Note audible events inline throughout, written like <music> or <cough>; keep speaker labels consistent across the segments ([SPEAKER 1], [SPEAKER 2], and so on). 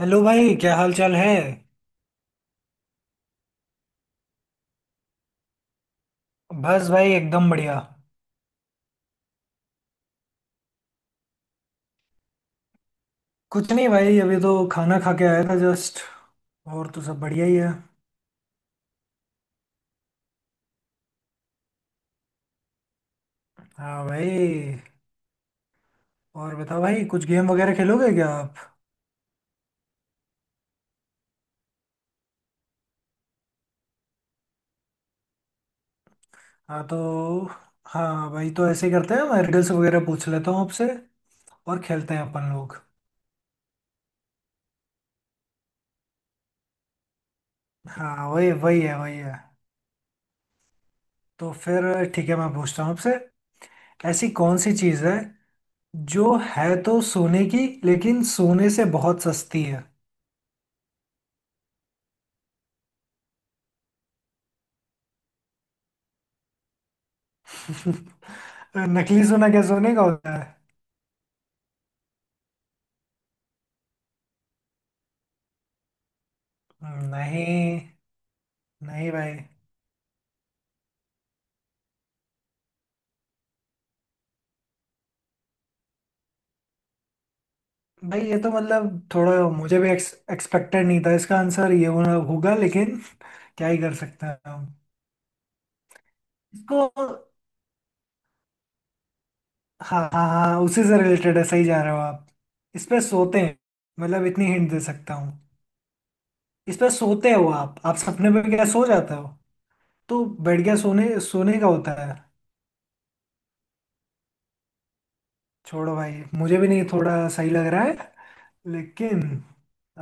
[SPEAKER 1] Hello भाई, क्या हाल चाल है? बस भाई, एकदम बढ़िया। कुछ नहीं भाई, अभी तो खाना खा के आया था जस्ट। और तो सब बढ़िया ही है। हाँ भाई। और बताओ भाई, कुछ गेम वगैरह खेलोगे क्या आप? हाँ तो। हाँ भाई, तो ऐसे करते हैं, मैं रिडल्स वगैरह पूछ लेता हूँ आपसे और खेलते हैं अपन लोग। हाँ, वही वही है वही है। तो फिर ठीक है, मैं पूछता हूँ आपसे। ऐसी कौन सी चीज़ है जो है तो सोने की, लेकिन सोने से बहुत सस्ती है? <laughs> नकली सोना क्या सोने का होता है? नहीं। नहीं भाई। भाई ये तो मतलब, थोड़ा मुझे भी एक्सपेक्टेड नहीं था इसका आंसर ये होना होगा, लेकिन क्या ही कर सकते हैं हम इसको। हाँ हाँ हाँ, उसी से रिलेटेड है, सही जा रहे हो आप। इस पे सोते हैं, मतलब इतनी हिंट दे सकता हूँ। इस पे सोते हो आप सपने में क्या सो जाते हो? तो बैठ गया, सोने सोने का होता है। छोड़ो भाई, मुझे भी नहीं थोड़ा सही लग रहा है, लेकिन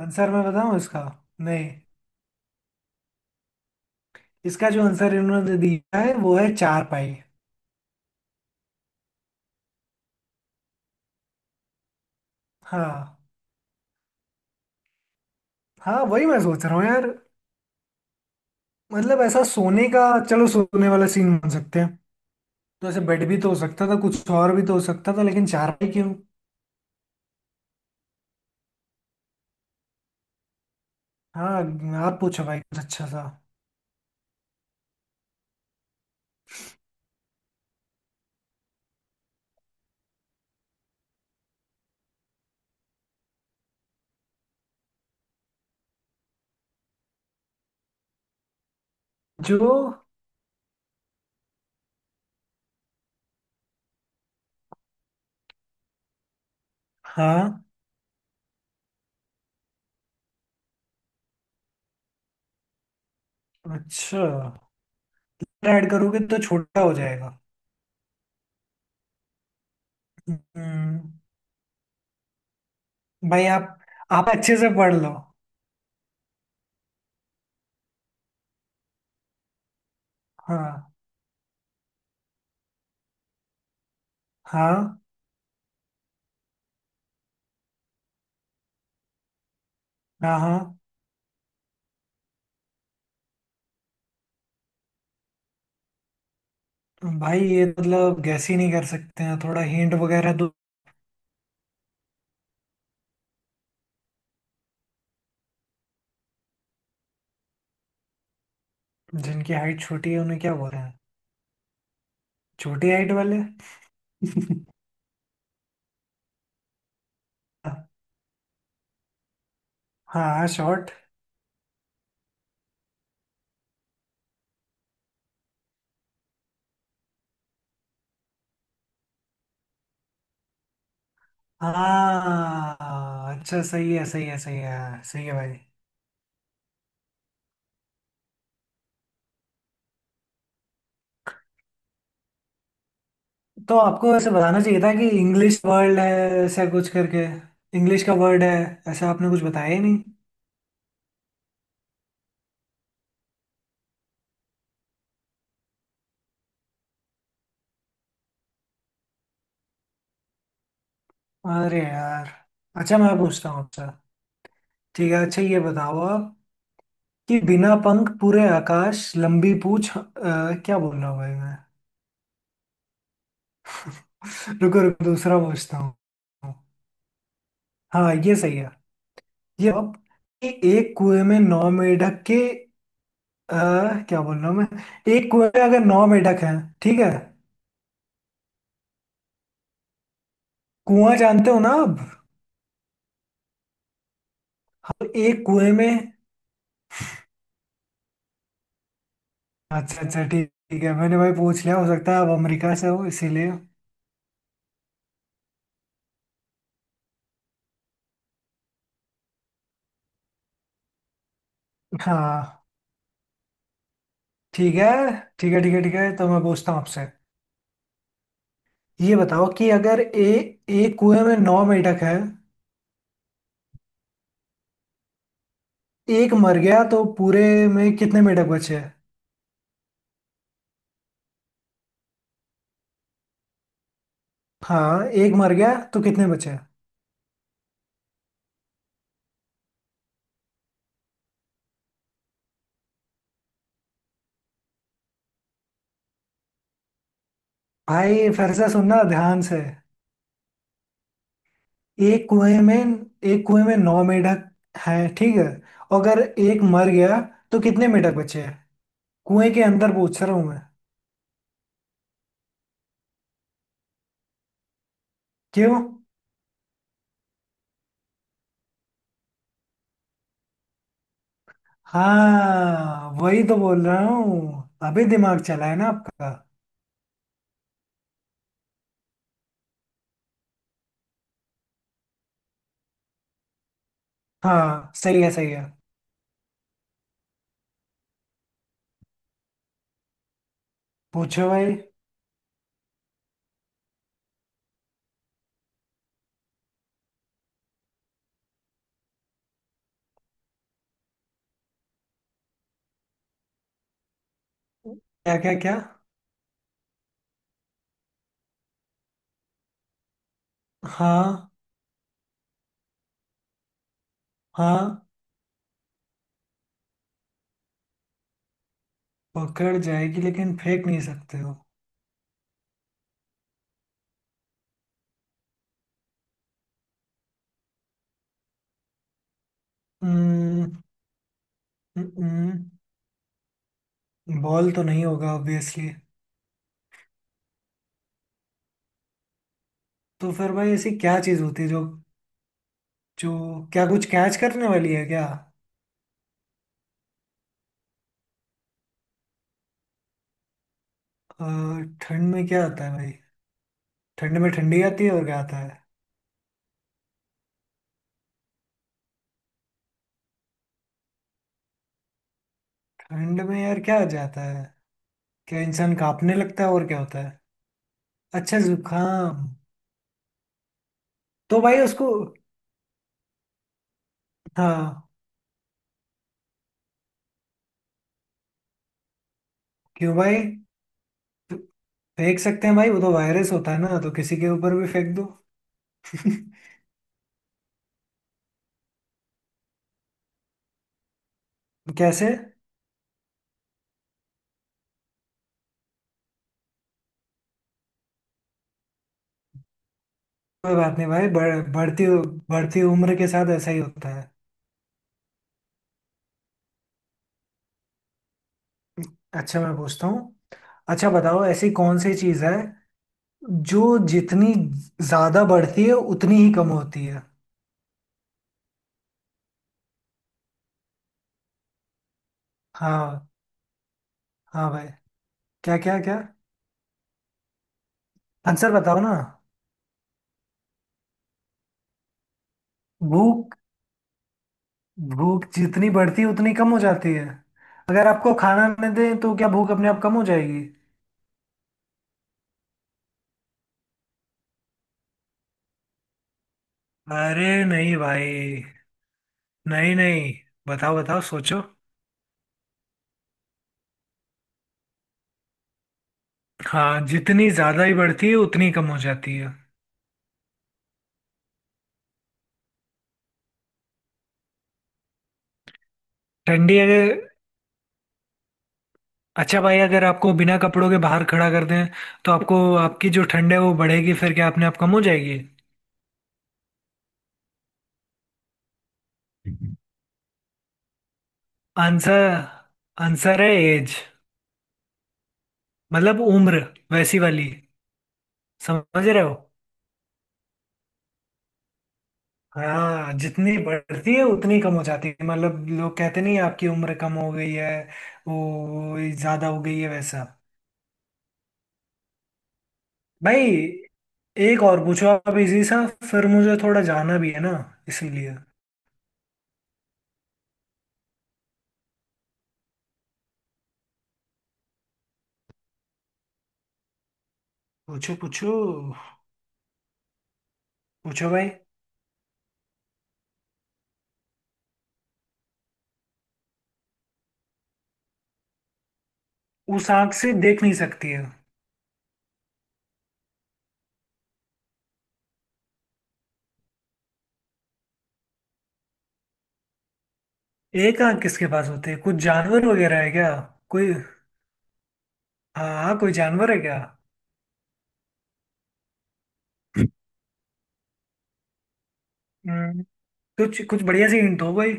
[SPEAKER 1] आंसर मैं बताऊँ इसका? नहीं, इसका जो आंसर इन्होंने दिया है वो है चार पाई। हाँ। हाँ, वही मैं सोच रहा हूँ यार। मतलब ऐसा सोने का, चलो सोने वाला सीन बन सकते हैं। तो ऐसे बेड भी तो हो सकता था, कुछ और भी तो हो सकता था, लेकिन चार पाई क्यों? हाँ। आप पूछो भाई कुछ अच्छा सा। जो। हाँ। अच्छा, ऐड करोगे तो छोटा हो जाएगा। हम्म। भाई आप अच्छे से पढ़ लो। हाँ हाँ हाँ हाँ। भाई ये मतलब गैस ही नहीं कर सकते हैं, थोड़ा हिंट वगैरह दो। जिनकी हाइट छोटी है उन्हें क्या बोलते हैं? छोटी हाइट वाले। हाँ, शॉर्ट। हाँ, अच्छा, सही है सही है सही है, हाँ, सही है भाई। तो आपको ऐसे बताना चाहिए था कि इंग्लिश वर्ड है, ऐसा कुछ करके। इंग्लिश का वर्ड है, ऐसा आपने कुछ बताया ही नहीं। अरे यार। अच्छा, मैं पूछता हूँ आपसे। ठीक है, अच्छा ये बताओ आप, कि बिना पंख पूरे आकाश लंबी पूछ क्या बोल रहा हूँ भाई मैं? <laughs> रुको रुको, दूसरा पूछता हूँ। हाँ, ये सही है। ये अब, कि एक कुएं में नौ मेंढक के आ, क्या बोल रहा हूँ मैं? एक कुएं में अगर नौ मेंढक हैं, ठीक है? कुआं जानते हो ना आप? अब एक कुएं में, अच्छा अच्छा, ठीक ठीक है, मैंने भाई पूछ लिया, हो सकता है आप अमेरिका से हो इसीलिए। हाँ। ठीक है ठीक है ठीक है ठीक है, तो मैं पूछता हूँ आपसे। ये बताओ कि अगर ए, एक कुएं में नौ मेंढक हैं, एक मर गया तो पूरे में कितने मेंढक बचे हैं? हाँ, एक मर गया तो कितने बचे हैं? भाई फिर से सुनना ध्यान से। एक कुएं में, एक कुएं में नौ मेंढक हैं, ठीक है? और अगर एक मर गया, तो कितने मेंढक बचे हैं? कुएं के अंदर पूछ रहा हूं मैं। क्यों? हाँ, वही तो बोल रहा हूँ, अभी दिमाग चला है ना आपका। हाँ, सही है सही है। पूछो भाई क्या क्या क्या? हाँ हाँ। पकड़ जाएगी लेकिन फेंक नहीं सकते हो? हम्म। हम्म। हम्म। बॉल तो नहीं होगा ऑब्वियसली? तो फिर भाई ऐसी क्या चीज होती है जो, जो, क्या कुछ कैच करने वाली है क्या? अ, ठंड में क्या आता है भाई? ठंड में ठंडी आती है और क्या आता है? ठंड में यार क्या आ जाता है? क्या इंसान कांपने लगता है और क्या होता है? अच्छा, जुकाम। तो भाई उसको, हाँ, क्यों भाई? तो फेंक सकते हैं भाई, वो तो वायरस होता है ना, तो किसी के ऊपर भी फेंक दो। <laughs> कैसे? कोई बात नहीं भाई, बढ़ती बढ़ती उम्र के साथ ऐसा ही होता है। अच्छा, मैं पूछता हूँ। अच्छा बताओ, ऐसी कौन सी चीज है जो जितनी ज्यादा बढ़ती है उतनी ही कम होती है? हाँ। हाँ भाई। क्या क्या क्या? आंसर बताओ ना। भूख? भूख जितनी बढ़ती है उतनी कम हो जाती है? अगर आपको खाना न दें तो क्या भूख अपने आप कम हो जाएगी? अरे नहीं भाई, नहीं नहीं। बताओ बताओ सोचो। हाँ, जितनी ज्यादा ही बढ़ती है उतनी कम हो जाती है। ठंडी अगर, अच्छा भाई, अगर आपको बिना कपड़ों के बाहर खड़ा कर दें, तो आपको आपकी जो ठंड है वो बढ़ेगी, फिर क्या अपने आप कम हो जाएगी? आंसर, आंसर है एज, मतलब उम्र, वैसी वाली। समझ रहे हो? हाँ, जितनी बढ़ती है उतनी कम हो जाती है, मतलब लोग कहते नहीं आपकी उम्र कम हो गई है, वो ज्यादा हो गई है, वैसा। भाई एक और पूछो आप इजी सा, फिर मुझे थोड़ा जाना भी है ना, इसीलिए। पूछो पूछो। पूछो भाई। उस आंख से देख नहीं सकती है? एक आंख किसके पास होती है, कुछ जानवर वगैरह है क्या? कोई, हाँ हाँ, कोई जानवर है क्या? हम्म। कुछ कुछ बढ़िया सी हिंट दो भाई।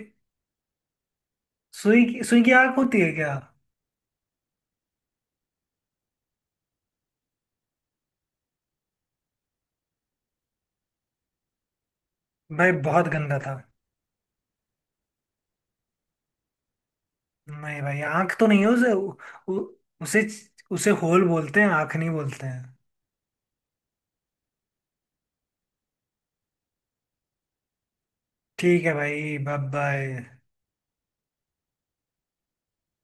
[SPEAKER 1] सुई की आंख होती है क्या? भाई बहुत गंदा था। नहीं भाई, आंख तो नहीं है उसे, उ, उ, उसे उसे होल बोलते हैं, आंख नहीं बोलते हैं। ठीक है भाई, बाय बाय।